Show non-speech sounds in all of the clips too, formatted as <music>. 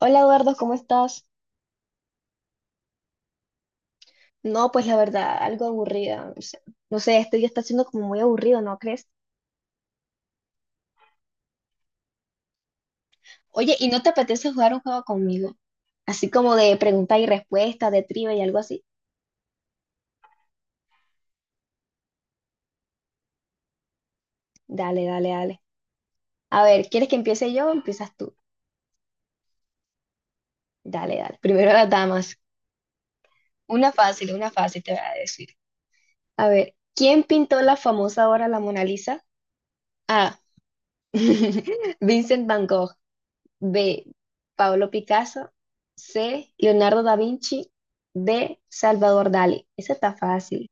Hola Eduardo, ¿cómo estás? No, pues la verdad, algo aburrida. O sea, no sé, este día está siendo como muy aburrido, ¿no crees? Oye, ¿y no te apetece jugar un juego conmigo? Así como de pregunta y respuesta, de trivia y algo así. Dale, dale, dale. A ver, ¿quieres que empiece yo o empiezas tú? Dale, dale. Primero las damas. Una fácil te voy a decir. A ver, ¿quién pintó la famosa obra La Mona Lisa? A. <laughs> Vincent Van Gogh. B. Pablo Picasso. C. Leonardo da Vinci. D. Salvador Dalí. Esa está fácil.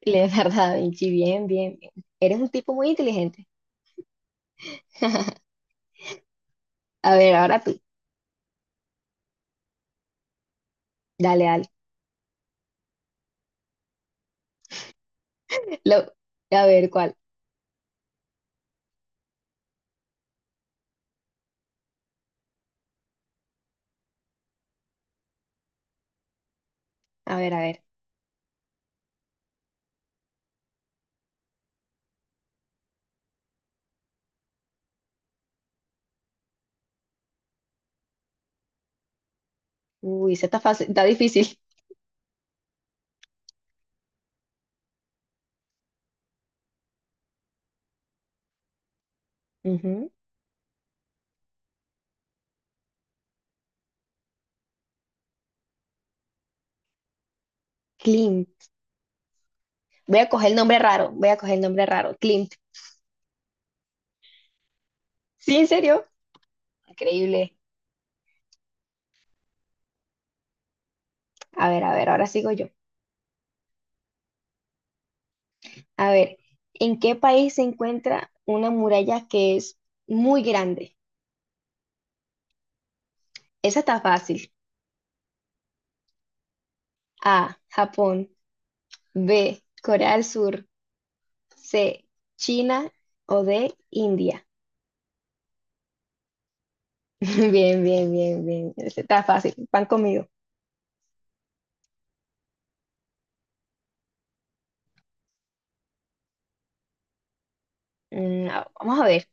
<laughs> Leonardo da Vinci, bien, bien, bien. Eres un tipo muy inteligente. <laughs> A ver, ahora tú. Dale, dale. Lo- a ver, ¿cuál? A ver, a ver. Uy, esa está fácil, está difícil. Ujú. Klimt. Voy a coger el nombre raro, voy a coger el nombre raro. Klimt. ¿Sí, en serio? Increíble. A ver, ahora sigo yo. A ver, ¿en qué país se encuentra una muralla que es muy grande? Esa está fácil. A, Japón. B, Corea del Sur. C, China. O D, India. <laughs> Bien, bien, bien, bien. Esa está fácil. Van conmigo. Mm, vamos a ver.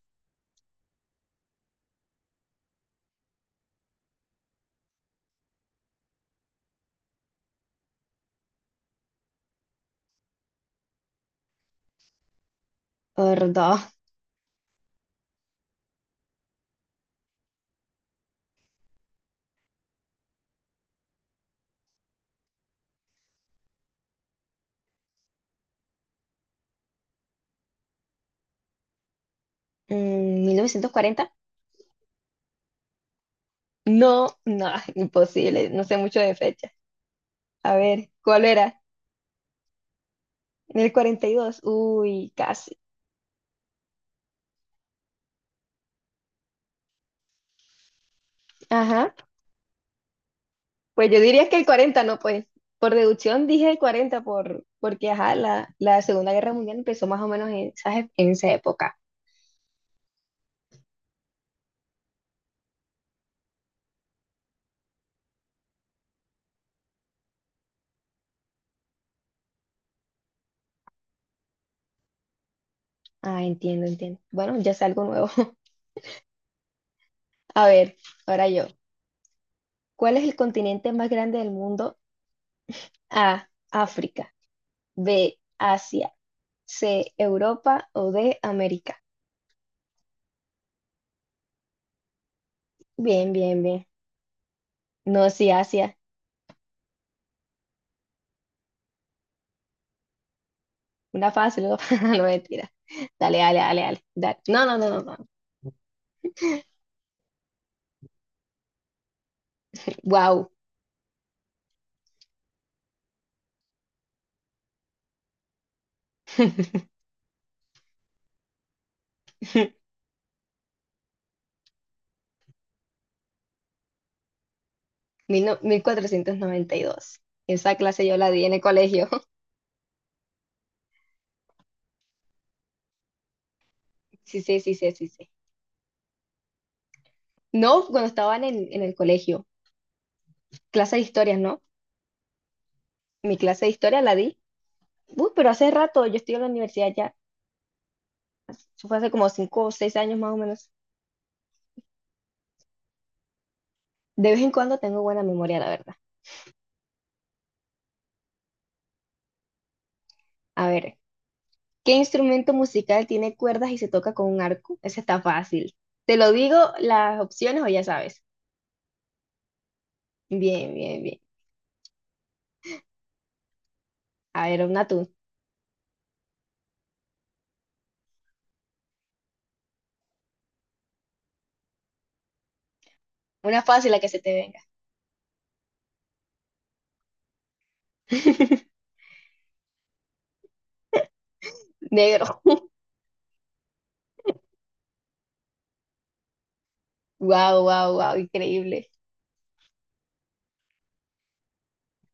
Perdón. Mm, 1940. No, no, <laughs> imposible. No sé mucho de fecha. A ver, ¿cuál era? El 42. Uy, casi. Ajá. Pues yo diría que el 40, no, pues. Por deducción dije el 40 por, porque ajá, la Segunda Guerra Mundial empezó más o menos en esa época. Ah, entiendo, entiendo. Bueno, ya es algo nuevo. <laughs> A ver, ahora yo. ¿Cuál es el continente más grande del mundo? A, África. B, Asia. C, Europa o D, América. Bien, bien, bien. No, sí, Asia. Una fácil, no, <laughs> no mentira. Dale, dale, dale, dale. Dale. No, no, no, no, no. Wow, 1492. Esa clase yo la di en el colegio. <laughs> Sí, sí, sí, sí, sí, sí. No, cuando estaban en el colegio. Clase de historia, ¿no? Mi clase de historia la di. Uy, pero hace rato yo estoy en la universidad ya. Eso fue hace como 5 o 6 años más o menos. De vez en cuando tengo buena memoria, la verdad. A ver, ¿qué instrumento musical tiene cuerdas y se toca con un arco? Ese está fácil. Te lo digo las opciones o ya sabes. Bien, bien, bien. A ver, una tú. Una fácil la que se te venga. <laughs> Negro. Wow, wow, wow, increíble.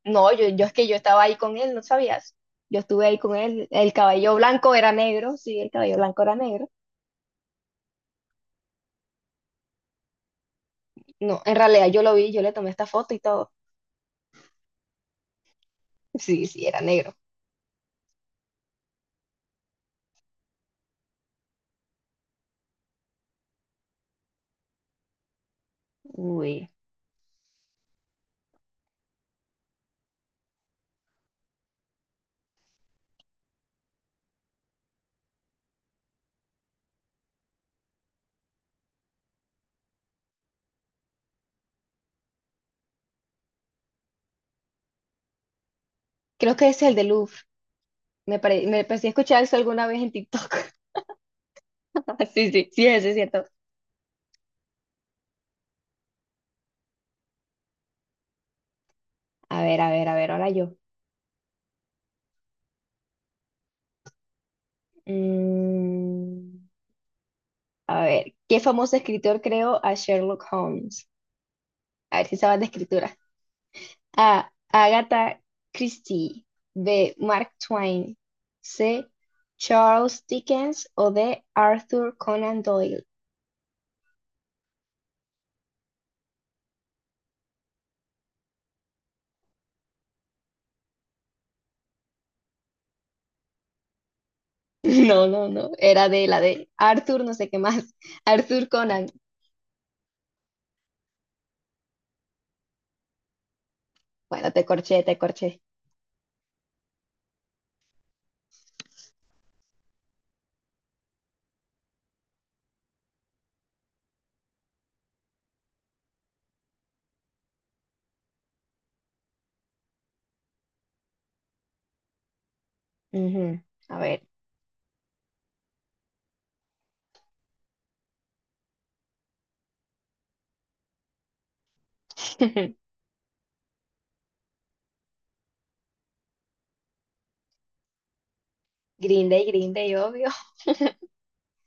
No, yo es que yo estaba ahí con él, ¿no sabías? Yo estuve ahí con él. El cabello blanco era negro, sí, el cabello blanco era negro. No, en realidad yo lo vi, yo le tomé esta foto y todo. <laughs> Sí, sí, era negro. Uy. Creo que ese es el del Louvre. Me parecía escuchar eso alguna vez en TikTok. <laughs> Sí, sí, sí, ese es cierto. A ver, a ver, a ver, ahora yo. Mm, a ver, ¿qué famoso escritor creó a Sherlock Holmes? A ver si sabes de escritura. A. Agatha Christie. B. Mark Twain. C. Charles Dickens o D. Arthur Conan Doyle. <laughs> No, no, no. Era de la de Arthur, no sé qué más. <laughs> Arthur Conan. Bueno, te corché, te corché. Ujú. A ver. <laughs> Green Day, Green Day, obvio.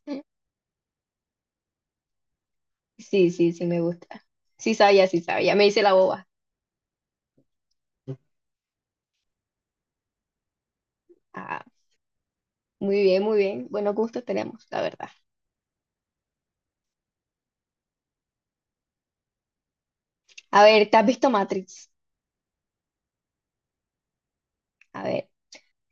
<laughs> Sí, sí, sí, me gusta. Sí sabía, sí sabía. Me hice la boba. Ah, muy bien, muy bien. Buenos gustos tenemos, la verdad. A ver, ¿te has visto Matrix? A ver,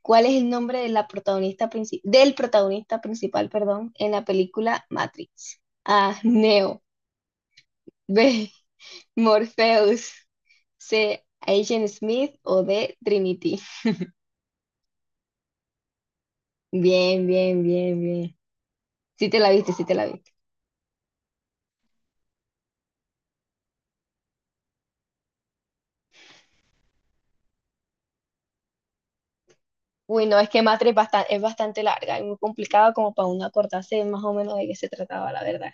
¿cuál es el nombre de del protagonista principal, perdón, en la película Matrix? A, Neo. <laughs> B, Morpheus. C. Agent Smith o D. Trinity. Bien, bien, bien, bien. Sí te la viste, sí te la viste. Uy, no, es que Matrix es bastante larga y muy complicada como para uno acordarse más o menos de qué se trataba, la verdad.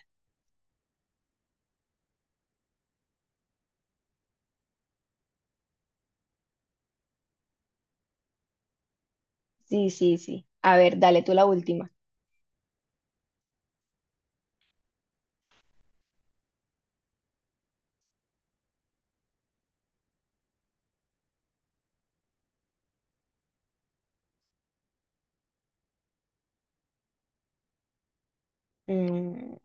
Sí, sí, sí. A ver, dale tú la última. Mm,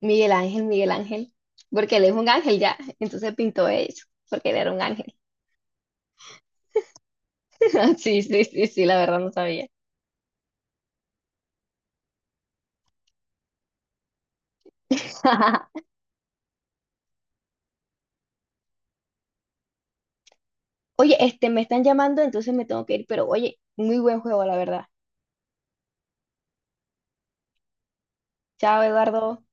Miguel Ángel, Miguel Ángel, porque él es un ángel ya, entonces pintó eso, porque él era un ángel. <laughs> Sí, sí, sí, sí, la verdad no sabía. <laughs> Oye, este, me están llamando, entonces me tengo que ir, pero oye, muy buen juego, la verdad. Chao, Eduardo.